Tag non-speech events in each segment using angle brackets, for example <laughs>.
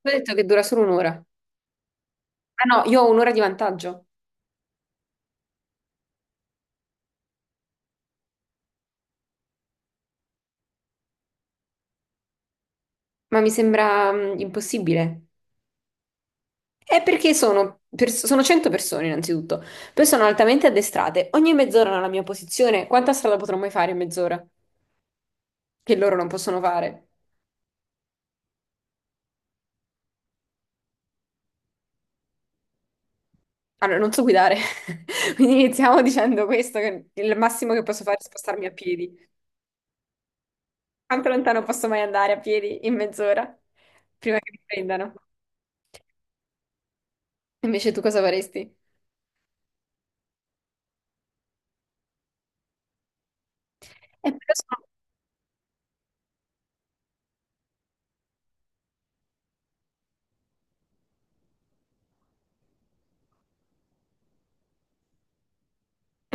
Ho detto che dura solo un'ora. Ah no, io ho un'ora di vantaggio, ma mi sembra impossibile. È perché sono 100 persone innanzitutto, poi sono altamente addestrate. Ogni mezz'ora nella mia posizione, quanta strada potrò mai fare in mezz'ora? Che loro non possono fare. Allora, non so guidare, <laughs> quindi iniziamo dicendo questo, che il massimo che posso fare è spostarmi a piedi. Quanto lontano posso mai andare a piedi in mezz'ora? Prima che mi prendano. Invece tu cosa faresti? Però sono-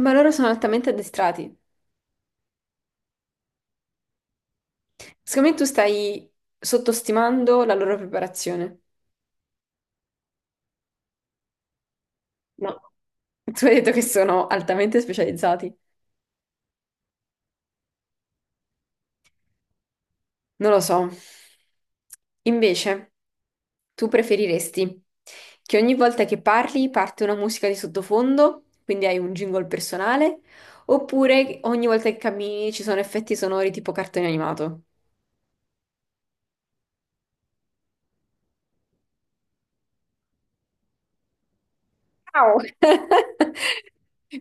Ma loro sono altamente addestrati. Secondo me tu stai sottostimando la loro preparazione. No. Tu hai detto che sono altamente specializzati. Non lo so. Invece, tu preferiresti che ogni volta che parli parte una musica di sottofondo, quindi hai un jingle personale, oppure ogni volta che cammini ci sono effetti sonori tipo cartone animato? Ciao! <laughs>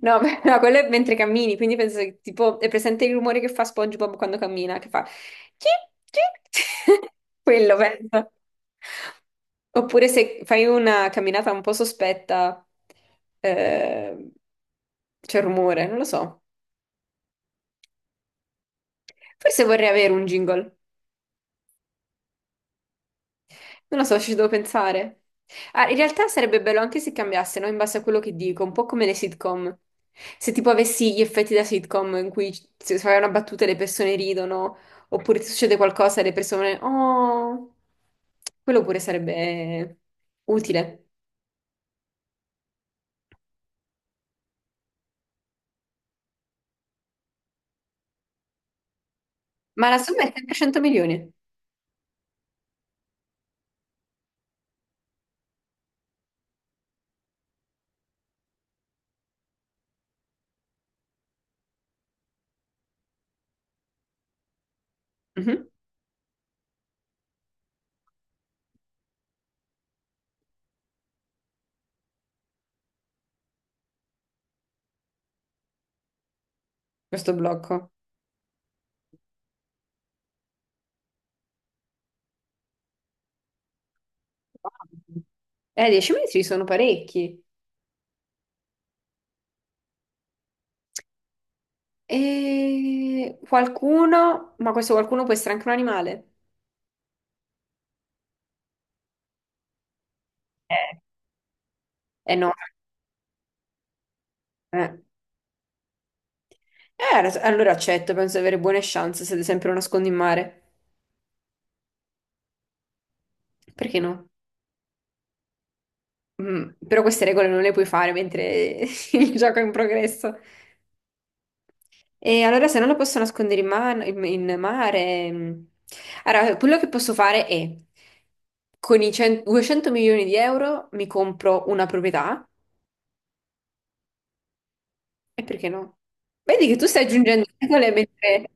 No, beh, no, quello è mentre cammini, quindi penso che tipo è presente il rumore che fa SpongeBob quando cammina, che fa chi, chi? <laughs> Quello penso. Oppure se fai una camminata un po' sospetta, eh, c'è rumore, non lo so. Forse vorrei avere un jingle. Non lo so, ci devo pensare. Ah, in realtà sarebbe bello anche se cambiassero in base a quello che dico, un po' come le sitcom. Se tipo avessi gli effetti da sitcom in cui se fai una battuta e le persone ridono, oppure ti succede qualcosa e le persone... Oh, quello pure sarebbe utile. Ma la somma è sempre 100 milioni. Mhm. Questo blocco. Wow. 10 metri sono parecchi. E qualcuno, ma questo qualcuno può essere anche un animale. Eh. Eh no. Eh. Allora accetto, penso di avere buone chance se ad esempio lo nascondo in mare. Perché no? Però queste regole non le puoi fare mentre <laughs> il gioco è in progresso. E allora se non lo posso nascondere in mare... mm. Allora, quello che posso fare è, con i 100 200 milioni di euro mi compro una proprietà, e perché no? Vedi che tu stai aggiungendo regole mentre...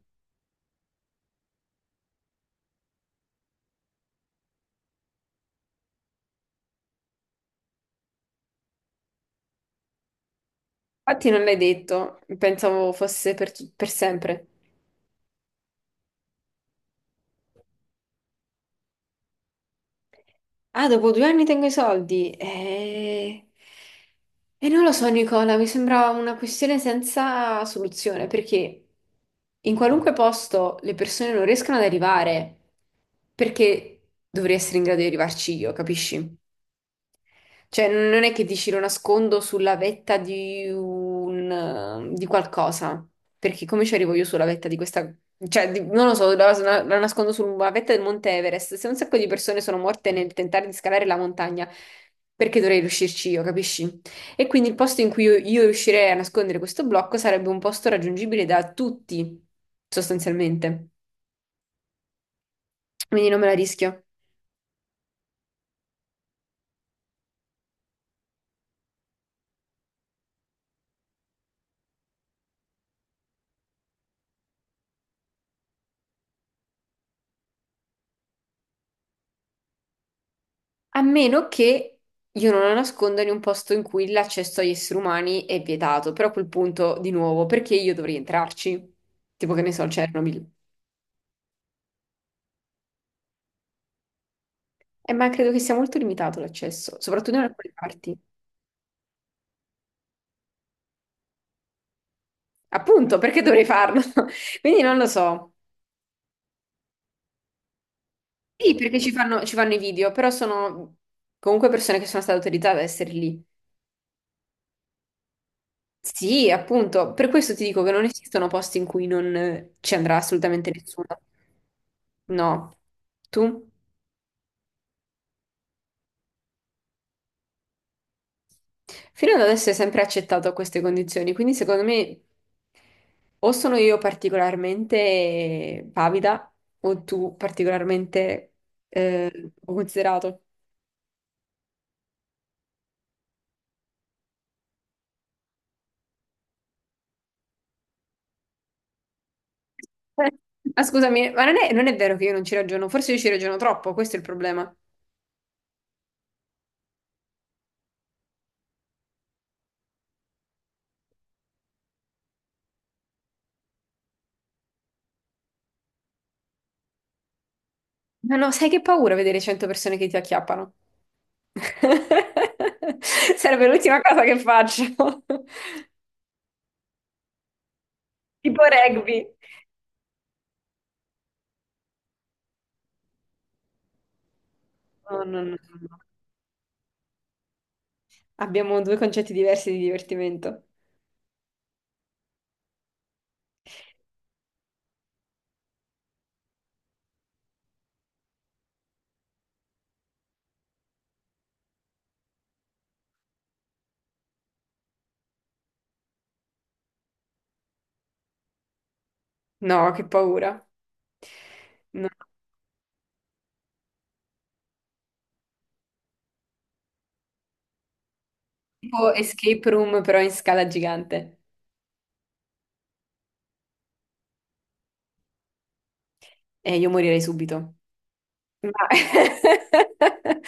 Infatti non l'hai detto, pensavo fosse per, tu- per sempre. Ah, dopo 2 anni tengo i soldi. E non lo so, Nicola, mi sembra una questione senza soluzione, perché in qualunque posto le persone non riescono ad arrivare, perché dovrei essere in grado di arrivarci io, capisci? Cioè, non è che dici lo nascondo sulla vetta di qualcosa, perché come ci arrivo io sulla vetta di questa, cioè, non lo so, la nascondo sulla vetta del Monte Everest. Se un sacco di persone sono morte nel tentare di scalare la montagna, perché dovrei riuscirci io, capisci? E quindi il posto in cui io riuscirei a nascondere questo blocco sarebbe un posto raggiungibile da tutti, sostanzialmente. Quindi non me la rischio. A meno che io non la nasconda in un posto in cui l'accesso agli esseri umani è vietato, però a quel punto, di nuovo, perché io dovrei entrarci? Tipo che ne so, Chernobyl. Ma credo che sia molto limitato l'accesso, soprattutto in alcune parti. Appunto, perché dovrei farlo? <laughs> Quindi non lo so. Sì, perché ci fanno i video, però sono comunque persone che sono state autorizzate ad essere lì. Sì, appunto, per questo ti dico che non esistono posti in cui non ci andrà assolutamente nessuno. No. Tu? Fino ad adesso è sempre accettato queste condizioni, quindi secondo me o sono io particolarmente pavida o tu particolarmente considerato. <laughs> Ma scusami, ma non è vero che io non ci ragiono, forse io ci ragiono troppo, questo è il problema. Ma no, sai che paura vedere 100 persone che ti acchiappano? <laughs> Sarebbe l'ultima cosa che faccio. <laughs> Tipo rugby. No, no, no, no. No. Abbiamo due concetti diversi di divertimento. No, che paura. No. Tipo escape room però in scala gigante. E io morirei subito. Ma- <laughs>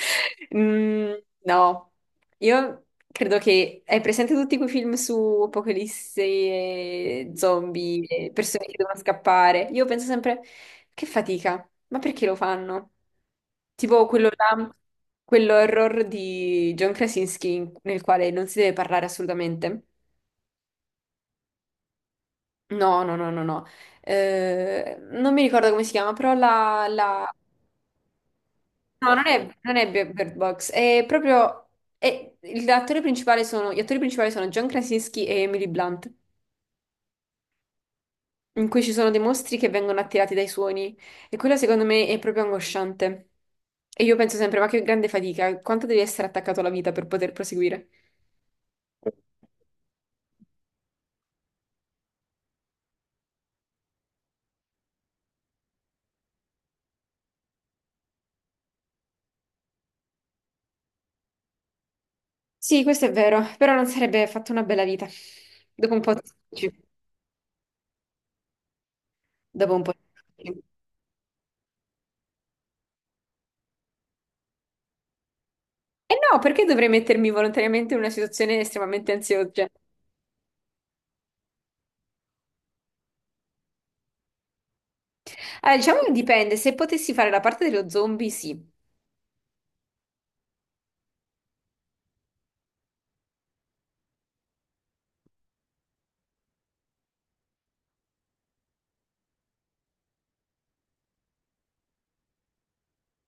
Mm, no, io credo che... Hai presente tutti quei film su apocalisse, e zombie, e persone che devono scappare? Io penso sempre, che fatica, ma perché lo fanno? Tipo quello là, quello horror di John Krasinski nel quale non si deve parlare assolutamente. No, no, no, no, no. Non mi ricordo come si chiama, però la... la- No, non è Bird Box, è proprio... è- Gli attori principali sono John Krasinski e Emily Blunt, in cui ci sono dei mostri che vengono attirati dai suoni. E quello secondo me è proprio angosciante. E io penso sempre, ma che grande fatica, quanto devi essere attaccato alla vita per poter proseguire? Sì, questo è vero, però non sarebbe fatto una bella vita. Dopo un po' ti stufi. Dopo un po'. E no, perché dovrei mettermi volontariamente in una situazione estremamente ansiosa? Allora, diciamo che dipende, se potessi fare la parte dello zombie, sì.